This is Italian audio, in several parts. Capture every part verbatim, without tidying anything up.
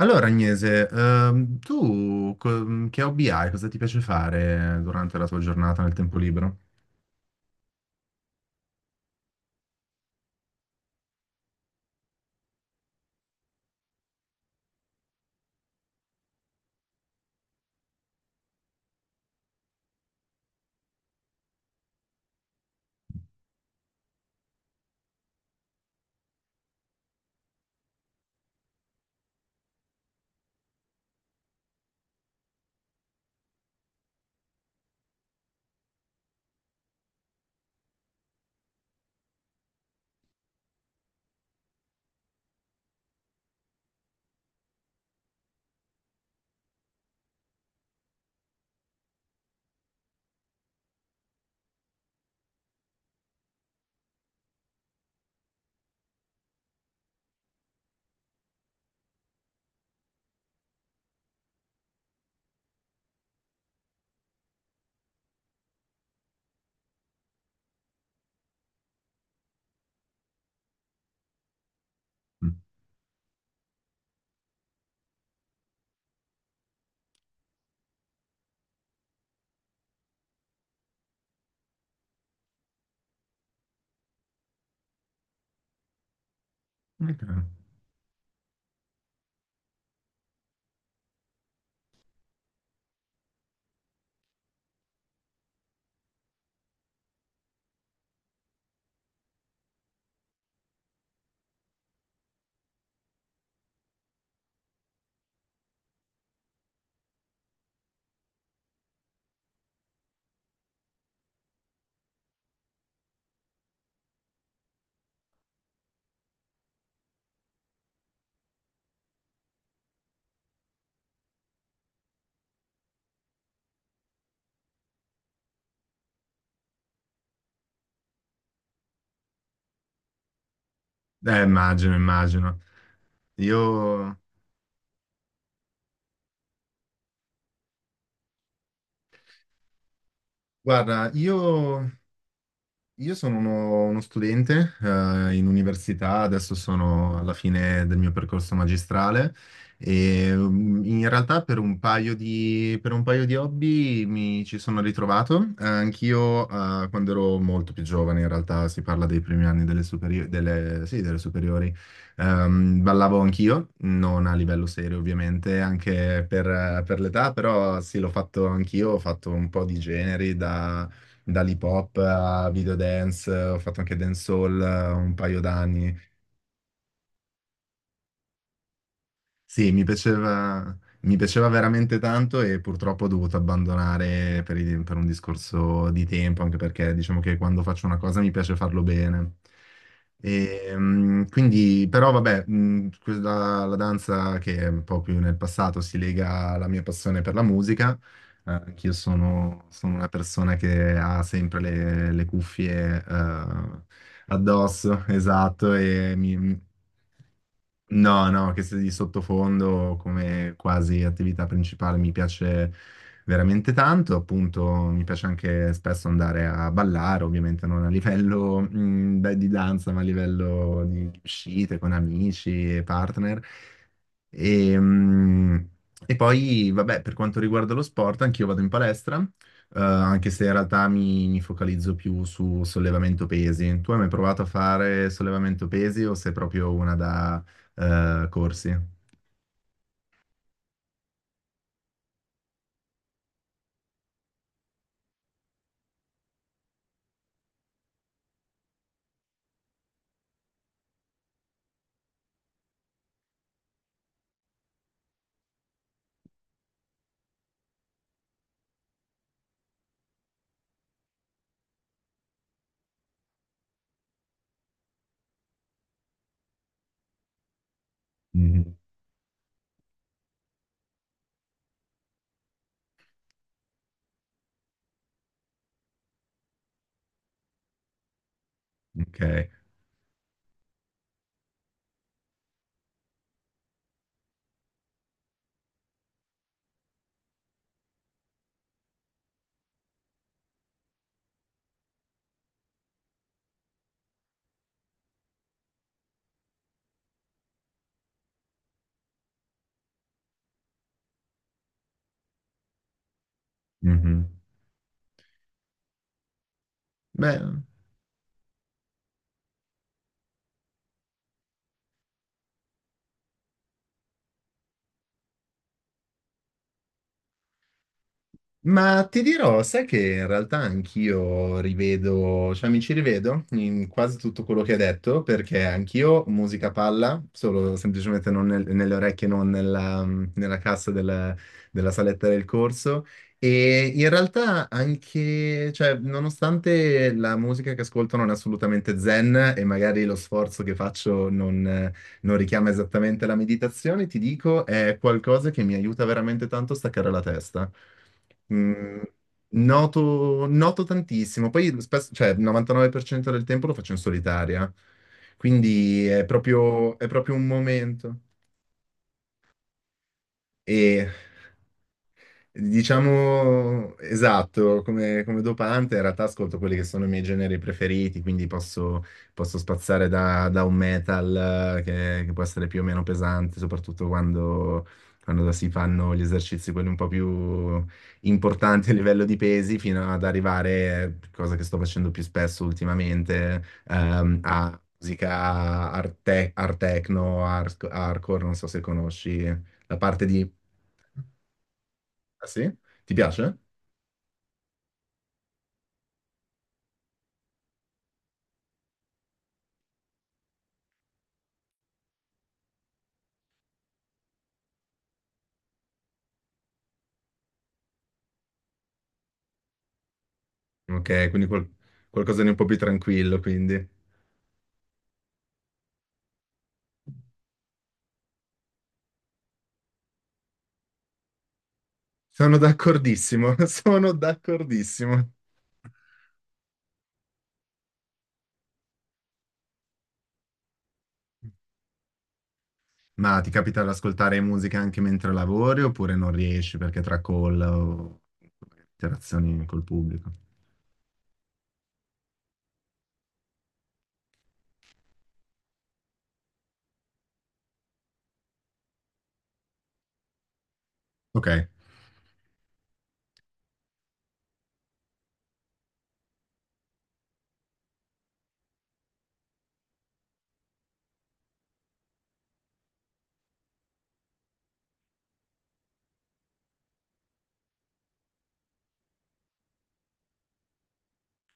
Allora, Agnese, ehm, tu co- che hobby hai? Cosa ti piace fare durante la tua giornata nel tempo libero? Mm. Ok. Eh, immagino, immagino. Io, guarda, io Io sono uno, uno studente eh, in università, adesso sono alla fine del mio percorso magistrale e mm, in realtà per un paio di, per un paio di hobby mi ci sono ritrovato. Eh, anch'io eh, quando ero molto più giovane, in realtà si parla dei primi anni delle, superi- delle, sì, delle superiori, ehm, ballavo anch'io, non a livello serio ovviamente, anche per, per l'età, però sì, l'ho fatto anch'io, ho fatto un po' di generi da dall'hip hop a video dance, ho fatto anche dancehall eh, un paio d'anni. Sì, mi piaceva, mi piaceva veramente tanto e purtroppo ho dovuto abbandonare per, i- per un discorso di tempo, anche perché diciamo che quando faccio una cosa mi piace farlo bene. E, mm, quindi, però vabbè, mm, quella- la danza, che è un po' più nel passato, si lega alla mia passione per la musica. Eh, anch'io sono, sono una persona che ha sempre le, le cuffie, eh, addosso, esatto, e mi, No, no, che sia di sottofondo, come quasi attività principale, mi piace veramente tanto. Appunto, mi piace anche spesso andare a ballare, ovviamente non a livello mh, da- di danza, ma a livello di uscite con amici e partner. E, mh, e poi, vabbè, per quanto riguarda lo sport, anch'io vado in palestra, eh, anche se in realtà mi, mi focalizzo più su sollevamento pesi. Tu hai mai provato a fare sollevamento pesi o sei proprio una da eh, corsi? Mhm. Ok. Mhm. Beh, ma ti dirò, sai che in realtà anch'io rivedo, cioè mi ci rivedo in quasi tutto quello che hai detto, perché anch'io musica palla, solo semplicemente non nel- nelle orecchie, non nella, nella cassa del- della saletta del corso. E in realtà anche, cioè, nonostante la musica che ascolto non è assolutamente zen e magari lo sforzo che faccio non richiama esattamente la meditazione, ti dico, è qualcosa che mi aiuta veramente tanto a staccare la testa. Mm, Noto, noto tantissimo. Poi spesso, cioè, il novantanove per cento del tempo lo faccio in solitaria, quindi è proprio, è proprio un momento. E Diciamo, esatto, come, come dopante in realtà ascolto quelli che sono i miei generi preferiti, quindi posso, posso spaziare da, da un metal eh, che, che può essere più o meno pesante, soprattutto quando, quando si fanno gli esercizi quelli un po' più importanti a livello di pesi, fino ad arrivare, eh, cosa che sto facendo più spesso ultimamente, ehm, a musica art, te- art techno, hard- hardcore, non so se conosci la parte di... Ah sì? Ti piace? Ok, quindi qual- qualcosa di un po' più tranquillo, quindi. Sono d'accordissimo, sono d'accordissimo. Ma ti capita di ascoltare musica anche mentre lavori, oppure non riesci perché tra call o interazioni col pubblico? Ok,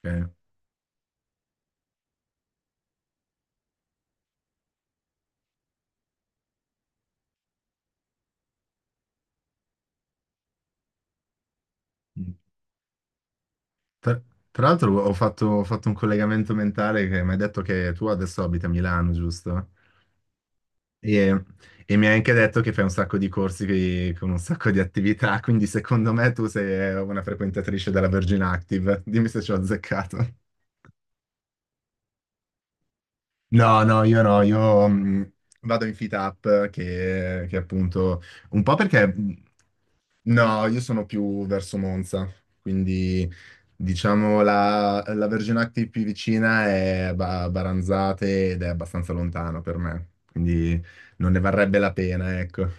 ok. Tra, Tra l'altro ho fatto, ho fatto un collegamento mentale, che mi hai detto che tu adesso abiti a Milano, giusto? E, e mi hai anche detto che fai un sacco di corsi che- con un sacco di attività, quindi secondo me tu sei una frequentatrice della Virgin Active. Dimmi se ci ho azzeccato. No, no, io no, io mh, vado in Fit Up, che, che appunto un po' perché mh, no, io sono più verso Monza, quindi diciamo la, la Virgin Active più vicina è Ba- Baranzate ed è abbastanza lontano per me, quindi non ne varrebbe la pena, ecco.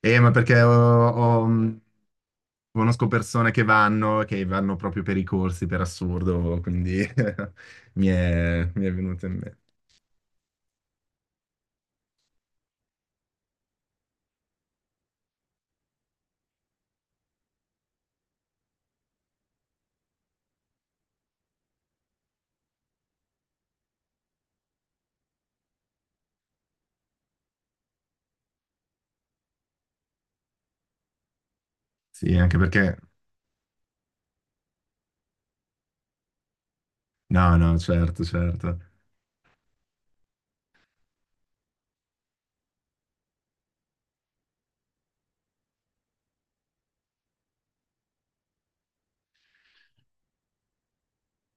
Eh, ma perché ho- ho- mh, conosco persone che vanno, che vanno proprio per i corsi, per assurdo, quindi mi è, mi è venuto in mente. Sì, anche perché... No, no, certo, certo.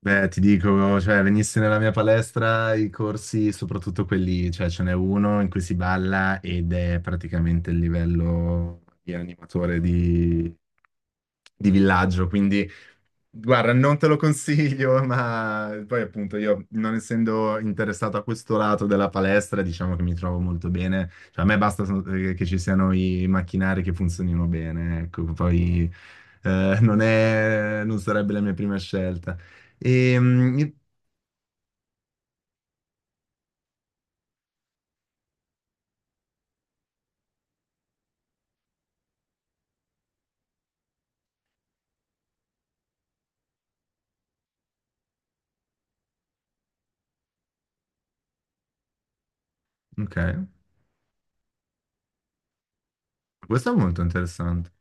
Beh, ti dico, cioè, venissi nella mia palestra i corsi, soprattutto quelli, cioè, ce n'è uno in cui si balla ed è praticamente il livello di animatore di di villaggio, quindi... Guarda, non te lo consiglio, ma poi appunto, io non essendo interessato a questo lato della palestra, diciamo che mi trovo molto bene. Cioè, a me basta so- eh, che ci siano i macchinari, che funzionino bene, ecco. Poi eh, non è, non sarebbe la mia prima scelta. E, mm, ok, questo è molto interessante.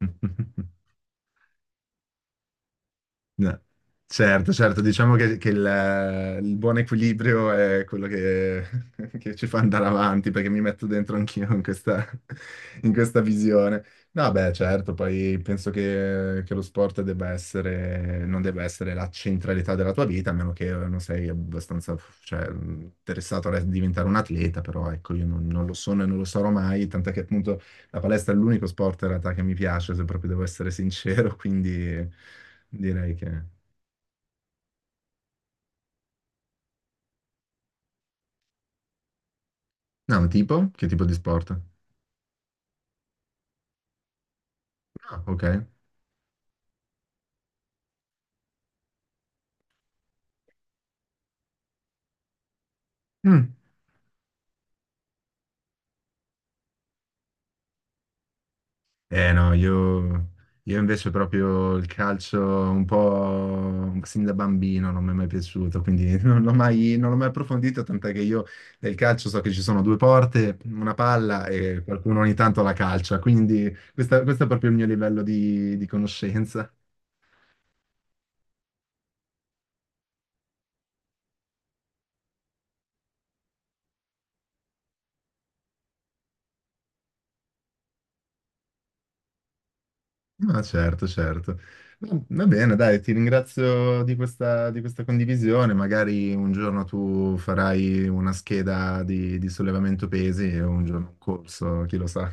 No. Certo, certo, diciamo che, che il, il buon equilibrio è quello che, che ci fa andare avanti, perché mi metto dentro anch'io in questa, in questa visione. No, beh, certo, poi penso che, che lo sport debba essere, non debba essere la centralità della tua vita, a meno che non sei abbastanza, cioè, interessato a diventare un atleta. Però ecco, io non, non lo sono e non lo sarò mai, tant'è che appunto la palestra è l'unico sport in realtà che mi piace, se proprio devo essere sincero, quindi direi che... No, tipo? Che tipo di sport? Ah, ok. Mm. Eh no, io, io invece proprio il calcio un po' sin da bambino non mi è mai piaciuto, quindi non l'ho mai, non l'ho mai approfondito, tant'è che io nel calcio so che ci sono due porte, una palla e qualcuno ogni tanto la calcia, quindi questa- questo è proprio il mio livello di, di conoscenza. No, certo, certo. Va va bene, dai, ti ringrazio di questa, di questa condivisione. Magari un giorno tu farai una scheda di, di sollevamento pesi e un giorno un corso, chi lo sa.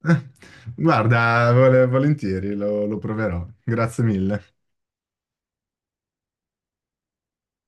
Guarda, vole- volentieri, lo lo proverò. Grazie mille.